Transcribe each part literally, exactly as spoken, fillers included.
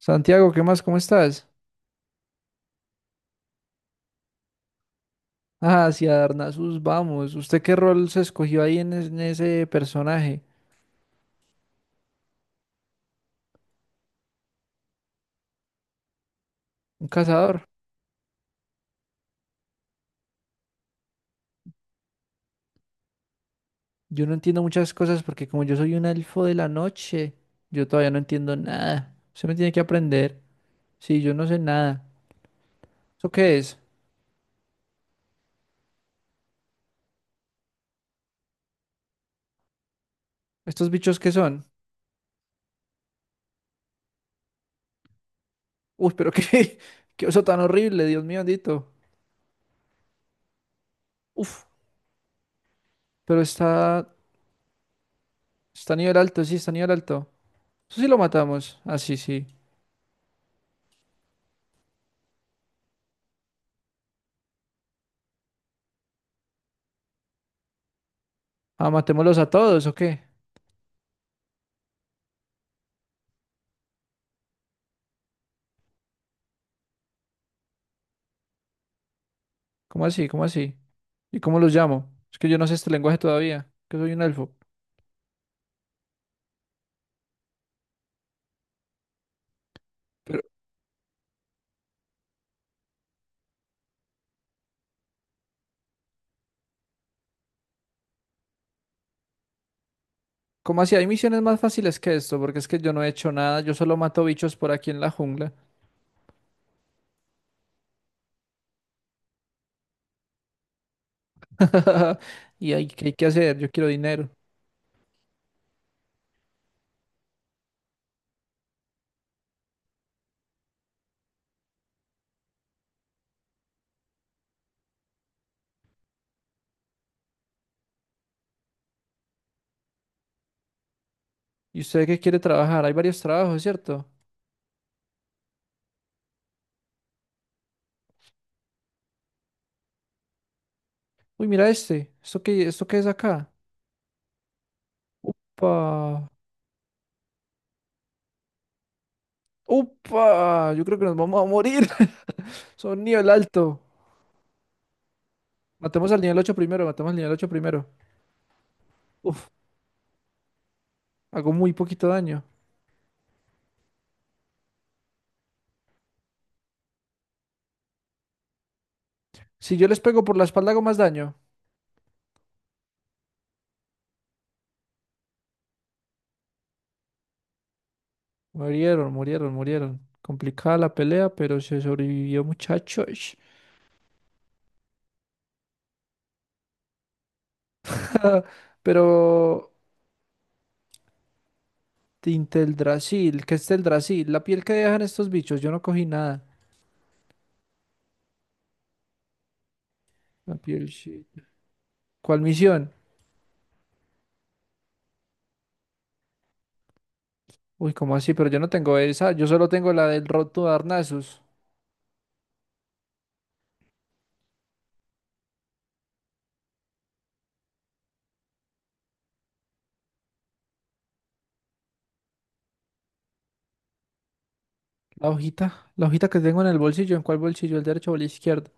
Santiago, ¿qué más? ¿Cómo estás? Ah, hacia Darnazos, vamos. ¿Usted qué rol se escogió ahí en, es- en ese personaje? ¿Un cazador? Yo no entiendo muchas cosas porque como yo soy un elfo de la noche, yo todavía no entiendo nada. Usted me tiene que aprender. Sí, yo no sé nada. ¿Eso qué es? ¿Estos bichos qué son? Uf, pero qué, qué oso tan horrible, Dios mío bendito. Uf, pero está, está a nivel alto, sí, está a nivel alto. Eso sí lo matamos. Ah, sí, sí. Ah, matémoslos a todos, ¿o qué? ¿Cómo así? ¿Cómo así? ¿Y cómo los llamo? Es que yo no sé este lenguaje todavía, que soy un elfo. Pero, ¿cómo así? Hay misiones más fáciles que esto, porque es que yo no he hecho nada, yo solo mato bichos por aquí en la jungla. ¿Y hay, qué hay que hacer? Yo quiero dinero. ¿Y usted qué quiere trabajar? Hay varios trabajos, ¿cierto? Uy, mira este. ¿Esto qué, esto qué es acá? ¡Upa! ¡Upa! Yo creo que nos vamos a morir. Son nivel alto. Matemos al nivel ocho primero, matemos al nivel ocho primero. Uf, hago muy poquito daño. Si yo les pego por la espalda, hago más daño. Murieron, murieron, murieron. Complicada la pelea, pero se sobrevivió, muchachos. Ah, pero Brasil, ¿qué es Brasil? La piel que dejan estos bichos, yo no cogí nada. La piel, sí. ¿Cuál misión? Uy, ¿cómo así? Pero yo no tengo esa, yo solo tengo la del Roto de Arnasus. La hojita, la hojita que tengo en el bolsillo, ¿en cuál bolsillo? ¿El derecho o el izquierdo?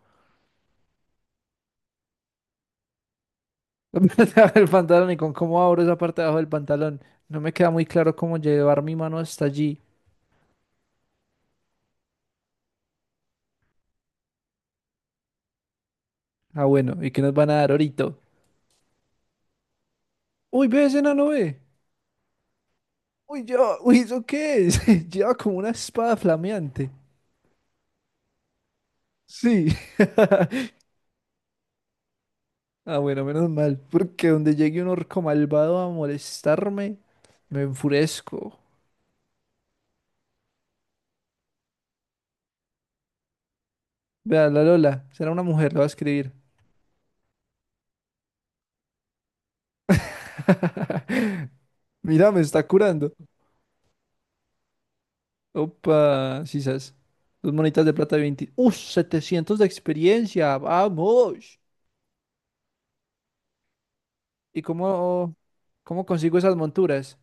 El pantalón y con cómo abro esa parte de abajo del pantalón. No me queda muy claro cómo llevar mi mano hasta allí. Ah, bueno, ¿y qué nos van a dar ahorita? Uy, ve ese enano, ve. Uy, yo, uy, ¿eso qué es? Lleva como una espada flameante. Sí. Ah, bueno, menos mal, porque donde llegue un orco malvado a molestarme, me enfurezco. Vea, la Lola, será una mujer, la va a escribir. Mira, me está curando. Opa, sisas. Dos monitas de plata de veinte. ¡Uh! Setecientos de experiencia, vamos. ¿Y cómo, cómo consigo esas monturas?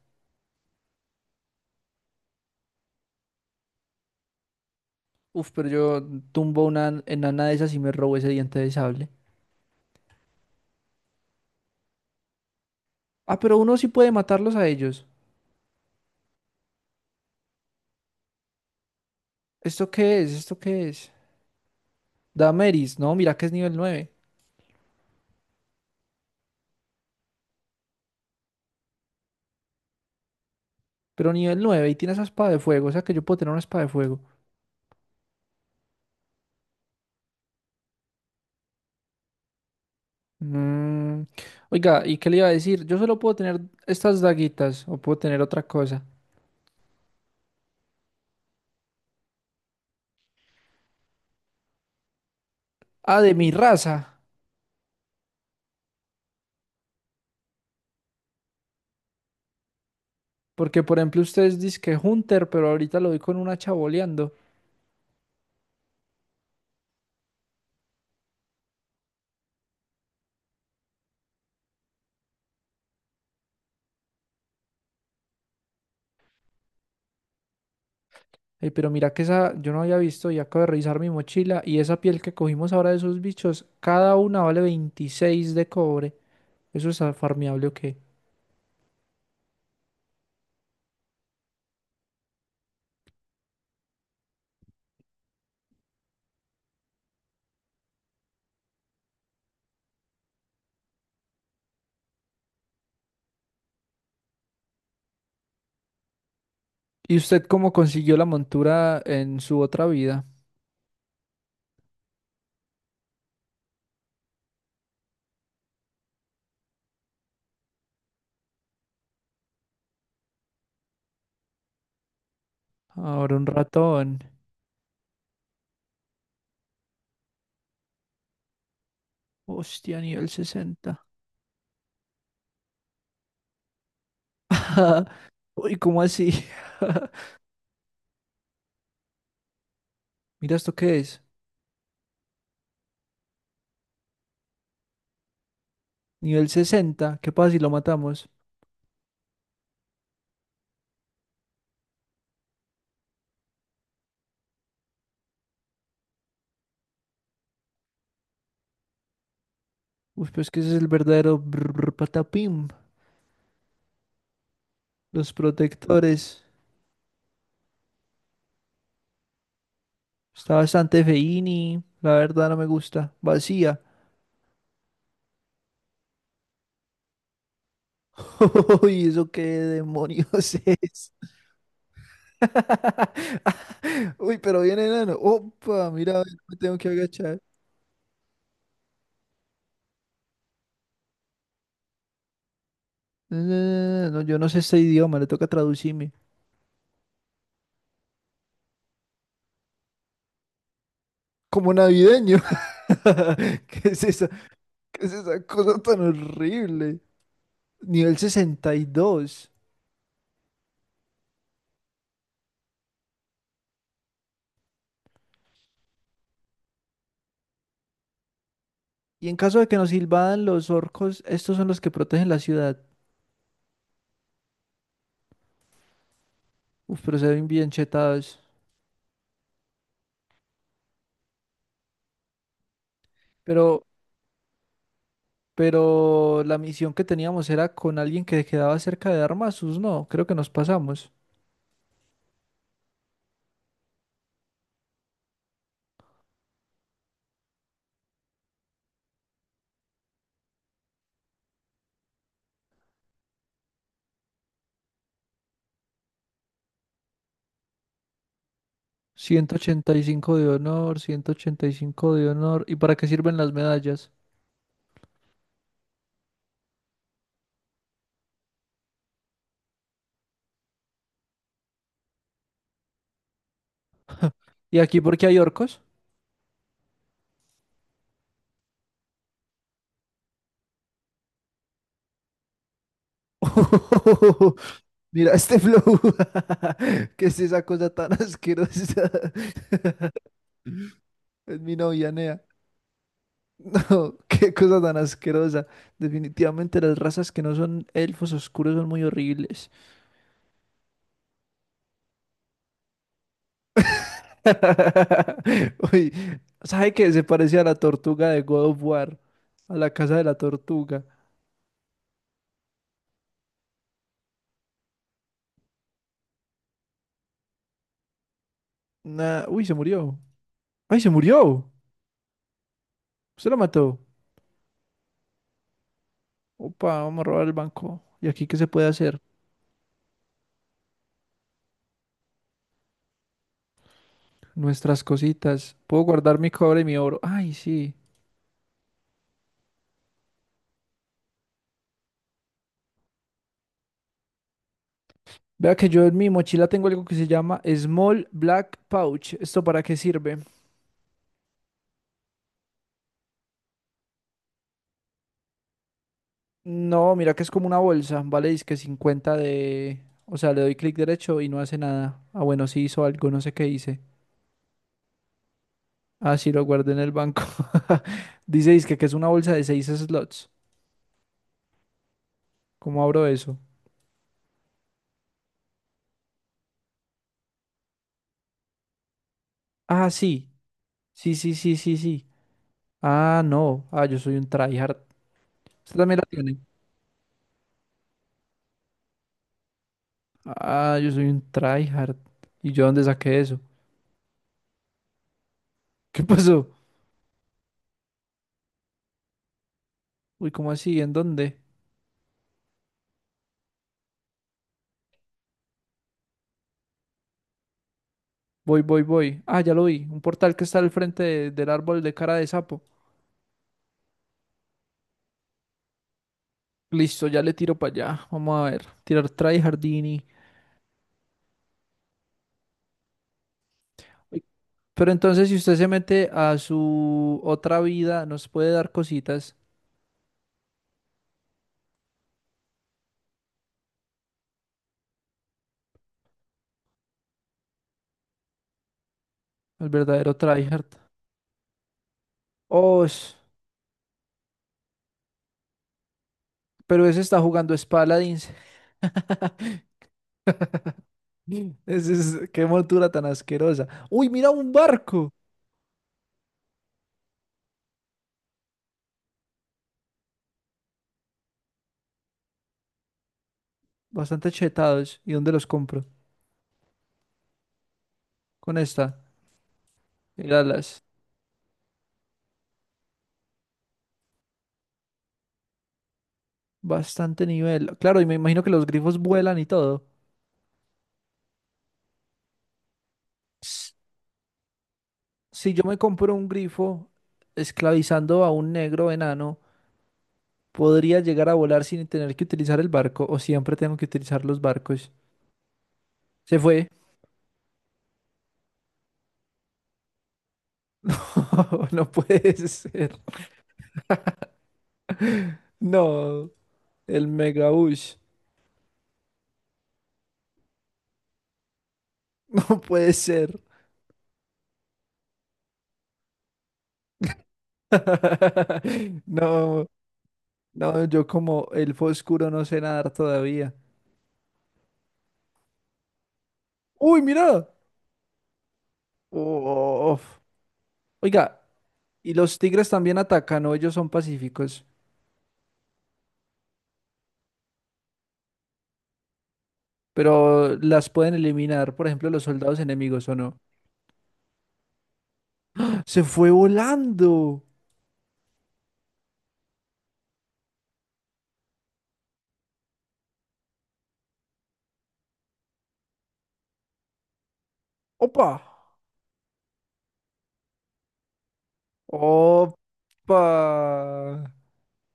Uf, pero yo tumbo una enana de esas y me robo ese diente de sable. Ah, pero uno sí puede matarlos a ellos. ¿Esto qué es? ¿Esto qué es? Damaris, no, mira que es nivel nueve. Pero nivel nueve y tiene esa espada de fuego, o sea que yo puedo tener una espada de fuego. Mm. Oiga, ¿y qué le iba a decir? Yo solo puedo tener estas daguitas o puedo tener otra cosa. Ah, de mi raza. Porque por ejemplo ustedes dicen que Hunter, pero ahorita lo vi con una chaboleando. Ey, pero mira que esa yo no había visto y acabo de revisar mi mochila y esa piel que cogimos ahora de esos bichos, cada una vale veintiséis de cobre. ¿Eso es ah, farmeable o qué? ¿Y usted cómo consiguió la montura en su otra vida? Ahora un ratón. ¡Hostia, nivel sesenta! Uy, ¿cómo así? Mira esto qué es. Nivel sesenta. ¿Qué pasa si lo matamos? Uy, pues que ese es el verdadero brr patapim. Los protectores. Está bastante feini. La verdad no me gusta. Vacía. Uy, ¿eso qué demonios es? Uy, pero viene enano. Opa, mira, a ver, no me tengo que agachar. Eh, no, yo no sé este idioma, le toca traducirme. Como navideño. ¿Qué es esa, qué es esa cosa tan horrible? Nivel sesenta y dos. Y dos. Y en caso de que nos invadan los orcos, estos son los que protegen la ciudad. Uf, pero se ven bien chetados. Pero Pero la misión que teníamos era con alguien que quedaba cerca de Armasus, no, creo que nos pasamos. Ciento ochenta y cinco de honor, ciento ochenta y cinco de honor. ¿Y para qué sirven las medallas? ¿Y aquí porque hay orcos? Mira este flow. ¿Qué es esa cosa tan asquerosa? Es mi novia, Nea. No, qué cosa tan asquerosa. Definitivamente las razas que no son elfos oscuros son muy horribles. Uy, ¿sabe qué? Se parecía a la tortuga de God of War, a la casa de la tortuga. Nah, uy, se murió. ¡Ay, se murió! Se la mató. Opa, vamos a robar el banco. ¿Y aquí qué se puede hacer? Nuestras cositas. Puedo guardar mi cobre y mi oro. Ay, sí. Vea que yo en mi mochila tengo algo que se llama Small Black Pouch. ¿Esto para qué sirve? No, mira que es como una bolsa. Vale, dice que cincuenta de... O sea, le doy clic derecho y no hace nada. Ah, bueno, sí hizo algo, no sé qué hice. Ah, sí, lo guardé en el banco. Dice, dizque que es una bolsa de seis slots. ¿Cómo abro eso? Ah, sí. Sí, sí, sí, sí, sí. Ah, no. Ah, yo soy un tryhard. Usted también la tiene. Ah, yo soy un tryhard. ¿Y yo dónde saqué eso? ¿Qué pasó? Uy, ¿cómo así? ¿En dónde? Voy, voy, voy. Ah, ya lo vi. Un portal que está al frente de- del árbol de cara de sapo. Listo, ya le tiro para allá. Vamos a ver. Tirar tryhardini. Uy, pero entonces, si usted se mete a su otra vida, nos puede dar cositas. El verdadero tryhard. Oh, sh- pero ese está jugando es Paladins. Ese es, qué montura tan asquerosa. Uy, mira un barco. Bastante chetados. ¿Y dónde los compro? Con esta. El alas. Bastante nivel. Claro, y me imagino que los grifos vuelan y todo. Ps, si yo me compro un grifo esclavizando a un negro enano, ¿podría llegar a volar sin tener que utilizar el barco? ¿O siempre tengo que utilizar los barcos? Se fue. No, no puede ser. No. El Megabush. No puede ser. No, no, yo como el oscuro no sé nadar todavía. ¡Uy, mira! Uf. Oiga, y los tigres también atacan, ¿no? Ellos son pacíficos, pero las pueden eliminar, por ejemplo, los soldados enemigos, ¿o no? ¡Se fue volando! ¡Opa! ¡Opa!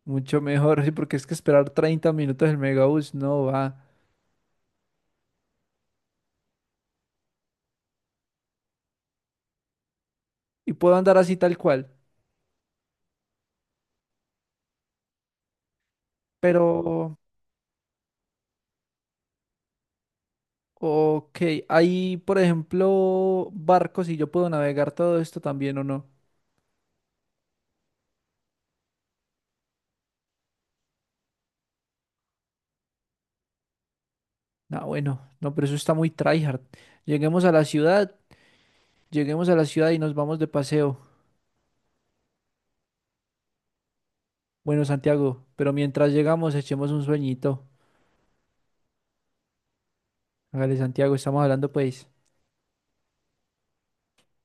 Mucho mejor, sí, porque es que esperar treinta minutos el Megabus no va. Y puedo andar así tal cual, pero... Ok, hay por ejemplo, barcos y yo puedo navegar todo esto también o no. Ah, bueno, no, pero eso está muy tryhard. Lleguemos a la ciudad, lleguemos a la ciudad y nos vamos de paseo. Bueno, Santiago, pero mientras llegamos echemos un sueñito. Hágale, Santiago, estamos hablando pues.